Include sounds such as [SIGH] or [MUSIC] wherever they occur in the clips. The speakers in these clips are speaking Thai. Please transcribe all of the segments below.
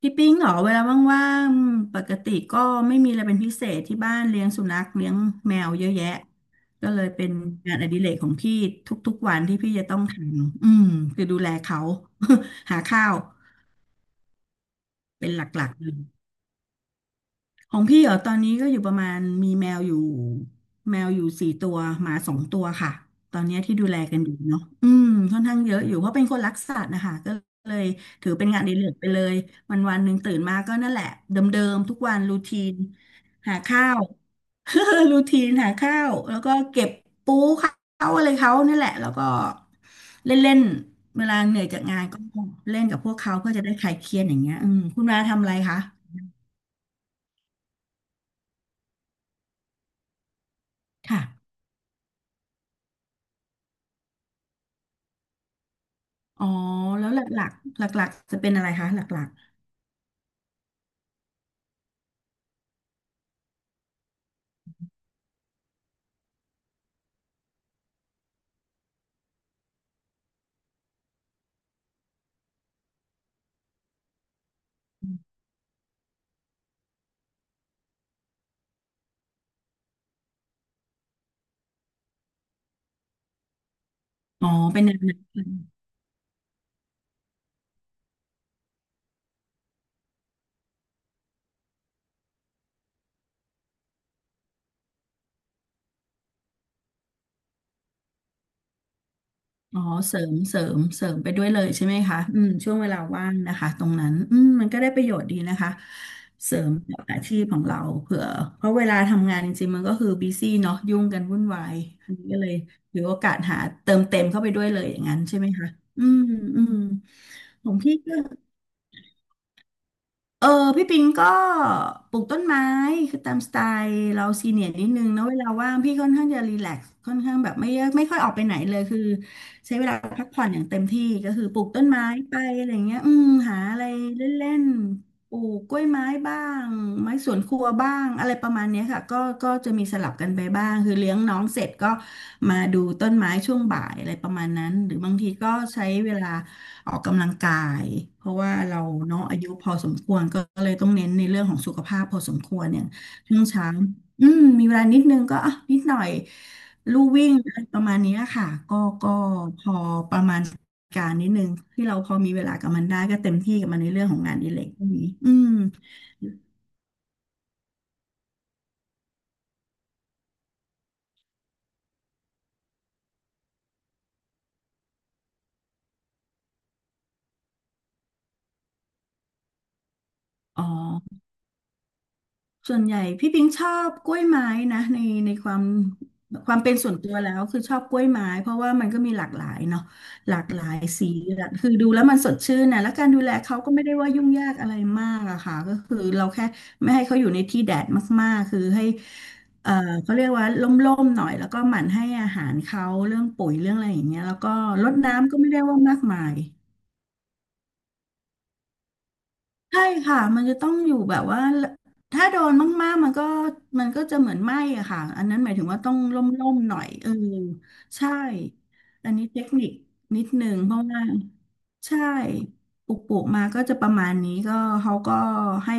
พี่ปิ้งเหรอเวลาว่างๆปกติก็ไม่มีอะไรเป็นพิเศษที่บ้านเลี้ยงสุนัขเลี้ยงแมวเยอะแยะก็เลยเป็นงานอดิเรกของพี่ทุกๆวันที่พี่จะต้องทำคือดูแลเขา [LAUGHS] หาข้าวเป็นหลักๆเลย ของพี่เหรอตอนนี้ก็อยู่ประมาณมีแมวอยู่4ตัวหมา2 ตัวค่ะตอนเนี้ยที่ดูแลกันอยู่เนาะค่อนข้างเยอะอยู่เพราะเป็นคนรักสัตว์นะคะก็เลยถือเป็นงานอดิเรกไปเลยวันวันหนึ่งตื่นมาก็นั่นแหละเดิมๆทุกวันรูทีนหาข้าว [LAUGHS] รูทีนหาข้าวแล้วก็เก็บปูเขาอะไรเขานั่นแหละแล้วก็เล่นเล่นเวลาเหนื่อยจากงานก็เล่นกับพวกเขาเพื่อจะได้คลายเครียดอย่างเงี้ยคุณมาทำอะไรคะค่ะ อ๋อแล้วหลักๆหลักๆจะเป็นอะไรคะหลักๆอ๋อเป็นแนวนั้นอ๋อเสริมไปด้วยเลยใช่ไหมคะอืมช่วงเวลาว่างนะคะตรงนั้นมันก็ได้ประโยชน์ดีนะคะเสริมกับอาชีพของเราเผื่อเพราะเวลาทำงานจริงๆมันก็คือบีซี่เนาะยุ่งกันวุ่นวายอันนี้ก็เลยถือโอกาสหาเติมเต็มเข้าไปด้วยเลยอย่างนั้นใช่ไหมคะอืมอืมของพี่ก็ เออพี่ปิงก็ปลูกต้นไม้คือตามสไตล์เราซีเนียร์นิดนึงนะเวลาว่างพี่ค่อนข้างจะรีแลกซ์ค่อนข้างแบบไม่เยอะไม่ค่อยออกไปไหนเลยคือใช้เวลาพักผ่อนอย่างเต็มที่ก็คือปลูกต้นไม้ไปอะไรเงี้ยหาอะไรเล่นๆปลูกกล้วยไม้บ้างไม้สวนครัวบ้างอะไรประมาณเนี้ยค่ะก็จะมีสลับกันไปบ้างคือเลี้ยงน้องเสร็จก็มาดูต้นไม้ช่วงบ่ายอะไรประมาณนั้นหรือบางทีก็ใช้เวลา ออกกำลังกายเพราะว่าเราเนาะอายุพอสมควรก็เลยต้องเน้นในเรื่องของสุขภาพพอสมควรเนี่ยช่วงเช้ามีเวลานิดนึงก็อ่ะนิดหน่อยลู่วิ่งอะไรประมาณเนี้ยค่ะก็พอประมาณการนิดนึงที่เราพอมีเวลากับมันได้ก็เต็มที่กับมันในเรื่องของงานอดิเรกพวกนี้อืมอ๋อ ส่วนใหญ่พี่ปิงชอบกล้วยไม้นะในความเป็นส่วนตัวแล้วคือชอบกล้วยไม้เพราะว่ามันก็มีหลากหลายเนาะหลากหลายสีหลากคือดูแล้วมันสดชื่นนะแล้วการดูแลเขาก็ไม่ได้ว่ายุ่งยากอะไรมากอะค่ะก็คือเราแค่ไม่ให้เขาอยู่ในที่แดดมากๆคือให้เอ่อเขาเรียกว่าร่มๆหน่อยแล้วก็หมั่นให้อาหารเขาเรื่องปุ๋ยเรื่องอะไรอย่างเงี้ยแล้วก็รดน้ำก็ไม่ได้ว่ามากมาย ใช่ค่ะมันจะต้องอยู่แบบว่าถ้าโดนมากๆมันก็จะเหมือนไหม้อะค่ะอันนั้นหมายถึงว่าต้องร่มๆหน่อยเออใช่อันนี้เทคนิคนิดนึงเพราะว่าใช่ปลูกมาก็จะประมาณนี้ก็เขาก็ให้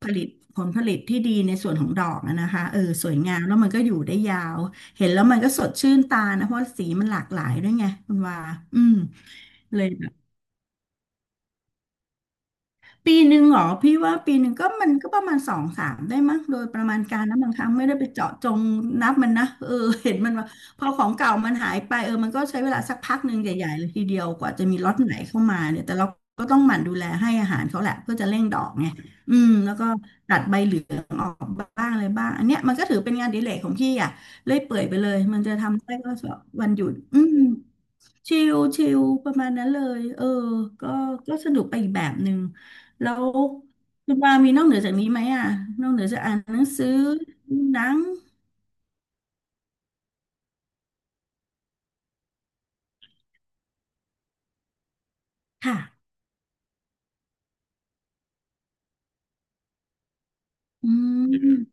ผลิตผลผลิตที่ดีในส่วนของดอกนะนะคะเออสวยงามแล้วมันก็อยู่ได้ยาวเห็นแล้วมันก็สดชื่นตานะเพราะสีมันหลากหลายด้วยไงคุณว่าอืมเลยแบบ ปีหนึ่งเหรอพี่ว่าปีหนึ่งก็มันก็ประมาณสองสามได้มั้งโดยประมาณการนะบางครั้งไม่ได้ไปเจาะจงนับมันนะเออ [LAUGHS] เห็นมันว่าพอของเก่ามันหายไปเออมันก็ใช้เวลาสักพักหนึ่งใหญ่ๆเลยทีเดียวกว่าจะมีล็อตไหนเข้ามาเนี่ยแต่เราก็ต้องหมั่นดูแลให้อาหารเขาแหละเพื่อจะเร่งดอกไงอืมแล้วก็ตัดใบเหลืองออกบ้างอะไรบ้างอันเนี้ยมันก็ถือเป็นงานอดิเรกของพี่อ่ะเลื่อยเปื่อยไปเลยมันจะทำได้ก็วันหยุดอืม ชิลชิลประมาณนั้นเลย เออ ก็ก็สนุกไปอีกแบบหนึ่งแล้วคุณปามีนอกเหนือจากนี้ไหมอ่ะนอกเหนือจากอ่านหนังสือดูหนังค่ะอืม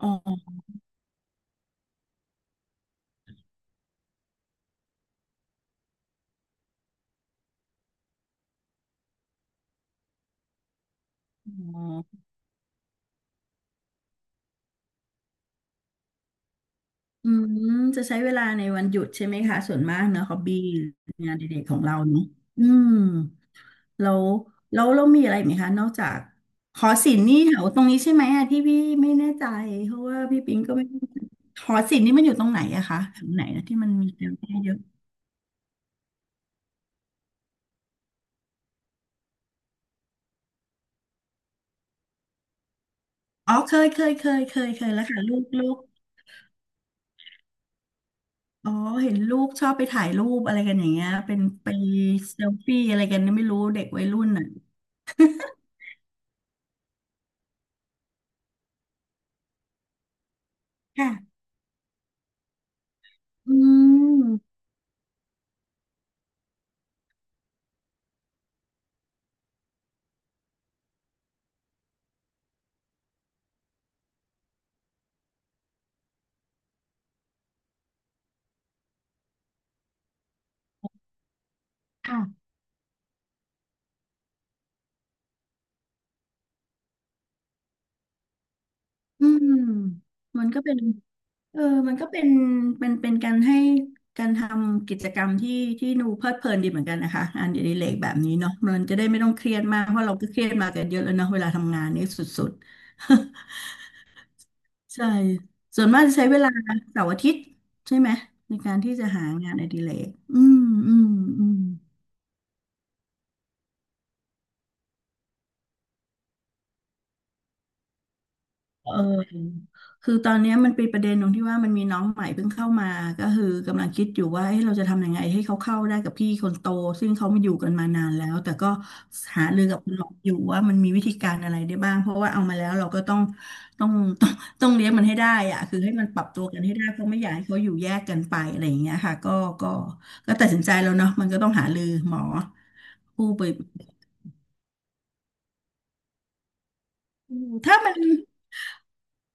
อ๋อ อ๋ออืมจะใช้เวลาในวันหยุดใช่ไหมคะ ส่วนมากเนอะฮอบบี้งานอดิเรกของเราเนอะอืม แล้วแล้วเรามีอะไรอีกไหมคะนอกจากหอศิลป์นี่แถวตรงนี้ใช่ไหมอะที่พี่ไม่แน่ใจเพราะว่าพี่ปิงก็ไม่แหอศิลป์นี่มันอยู่ตรงไหนอะคะแถวไหนนะที่มันมีเยอะเยอะอ๋อเคยแล้วค่ะลูกอ๋อเห็นลูกชอบไปถ่ายรูปอะไรกันอย่างเงี้ยเป็นไปเซลฟี่อะไรกันไม่รู้เด็กวัยรุ่นน่ะค่ะอืมค่ะอืมมันก็เป็น เออมันก็เป็นเป็นการให้การทำกิจกรรมที่ที่ดูเพลิดเพลินดีเหมือนกันนะคะงานอดิเรกแบบนี้เนาะมันจะได้ไม่ต้องเครียดมากเพราะเราก็เครียดมากันเยอะแล้วเนาะเวลาทำงานนี่สุดๆ [LAUGHS] ใช่ ส่วนมากจะใช้เวลาเสาร์อาทิตย์ใช่ไหมในการที่จะหางานอดิเรกอืมอืมอืม เออคือตอนเนี้ยมันเป็นประเด็นตรงที่ว่ามันมีน้องใหม่เพิ่งเข้ามาก็คือกำลังคิดอยู่ว่าเอ้ยเราจะทำยังไงให้เขาเข้าได้กับพี่คนโตซึ่งเขาไม่อยู่กันมานานแล้วแต่ก็หารือกับคุณหมออยู่ว่ามันมีวิธีการอะไรได้บ้างเพราะว่าเอามาแล้วเราก็ต้องต้องต้องต้องเลี้ยงมันให้ได้อะคือให้มันปรับตัวกันให้ได้เพราะไม่อยากให้เขาอยู่แยกกันไปอะไรอย่างเงี้ยค่ะก็ก็ก็ตัดสินใจแล้วเนาะมันก็ต้องหารือหมอผู้ไปถ้ามัน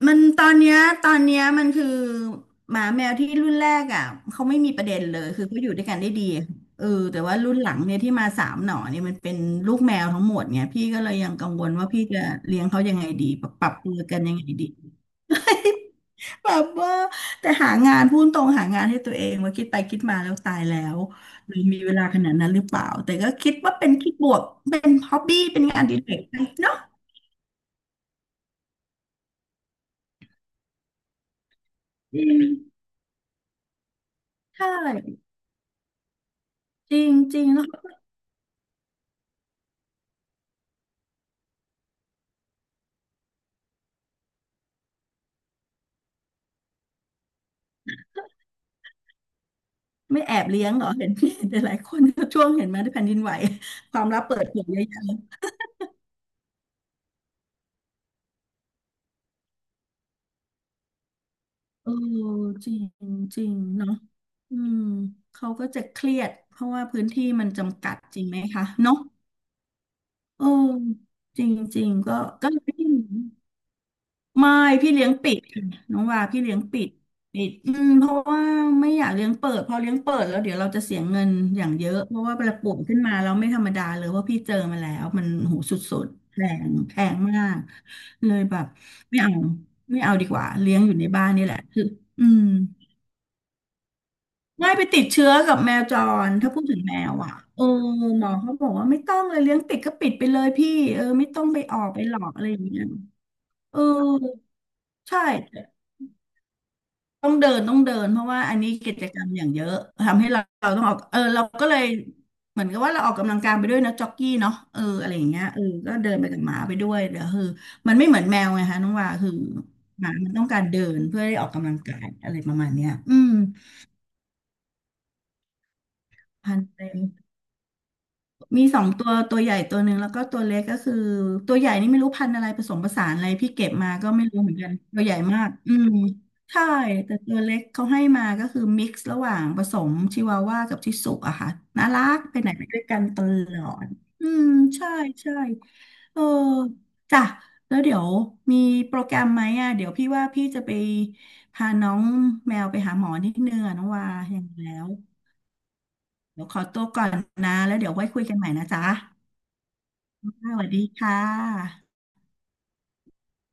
มันตอนเนี้ยตอนเนี้ยมันคือหมาแมวที่รุ่นแรกอ่ะเขาไม่มีประเด็นเลยคือเขาอยู่ด้วยกันได้ดีเออแต่ว่ารุ่นหลังเนี่ยที่มาสามหน่อเนี่ยมันเป็นลูกแมวทั้งหมดเนี่ยพี่ก็เลยยังกังวลว่าพี่จะเลี้ยงเขายังไงดีปรับตัวกันยังไงดีแบบว่าแต่หางานพูดตรงหางานให้ตัวเองว่าคิดไปคิดมาแล้วตายแล้วเรอมีเวลาขนาดนั้นหรือเปล่าแต่ก็คิดว่าเป็นคิดบวกเป็นฮ็อบบี้เป็นงานอดีเล็กไปเนาะอืมใช่จริงจริง ไม่แอบเลี้ยงเหรอเห็นพี่หลายๆคนช่วงเห็นไหมาที่แผ่นดินไหวความลับเปิดเผยเยอะแยะเลยเออจริงจริงเนาะอืมเขาก็จะเครียดเพราะว่าพื้นที่มันจำกัดจริงไหมคะเนาะเออจริงจริงก็เลย ไม่พี่เลี้ยงปิดค่ะน้องว่าพี่เลี้ยงปิดปิดอืมเพราะว่าไม่อยากเลี้ยงเปิดพอเลี้ยงเปิดแล้วเดี๋ยวเราจะเสียเงินอย่างเยอะเพราะว่าเวลาป่วยขึ้นมาเราไม่ธรรมดาเลยว่าะพี่เจอมาแล้วมันหูสุดๆแพงมากเลยแบบไม่เอาไม่เอาดีกว่าเลี้ยงอยู่ในบ้านนี่แหละคืออืมไม่ยไปติดเชื้อกับแมวจรถ้าพูดถึงแมวอ่ะเออหมอเขาบอกว่าไม่ต้องเลยเลี้ยงปิดก็ปิดไปเลยพี่เออไม่ต้องไปออกไปหลอกอะไรอย่างเงี้ยเออใช่ ต้องเดินเพราะว่าอันนี้กิจกรรมอย่างเยอะทำให้เราต้องออกเออเราก็เลยเหมือนกับว่าเราออกกำลังกายไปด้วยนะจ็อกกี้เนาะเอออะไรอย่างเงี้ยเออก็เดินไปกับหมาไปด้วยเดี๋ยวคือมันไม่เหมือนแมวไงคะน้องว่าคือหมามันต้องการเดินเพื่อได้ออกกำลังกายอะไรประมาณเนี้ยอืมพันเต็ม มีสองตัวตัวใหญ่ตัวหนึ่งแล้วก็ตัวเล็กก็คือตัวใหญ่นี่ไม่รู้พันธุ์อะไรผสมผสานอะไรพี่เก็บมาก็ไม่รู้เหมือนกันตัวใหญ่มากอืมใช่แต่ตัวเล็กเขาให้มาก็คือมิกซ์ระหว่างผสมชิวาว่ากับชิสุอะค่ะน่ารักไปไหนไปด้วยกันตลอดอืมใช่ใช่เออจ้ะแล้วเดี๋ยวมีโปรแกรมไหมอ่ะเดี๋ยวพี่ว่าพี่จะไปพาน้องแมวไปหาหมอนิดนึงอะน้องวาอย่างแล้วเดี๋ยวขอตัวก่อนนะแล้วเดี๋ยวไว้คุยกันใหม่นะจ๊ะ สวัสดีค่ะ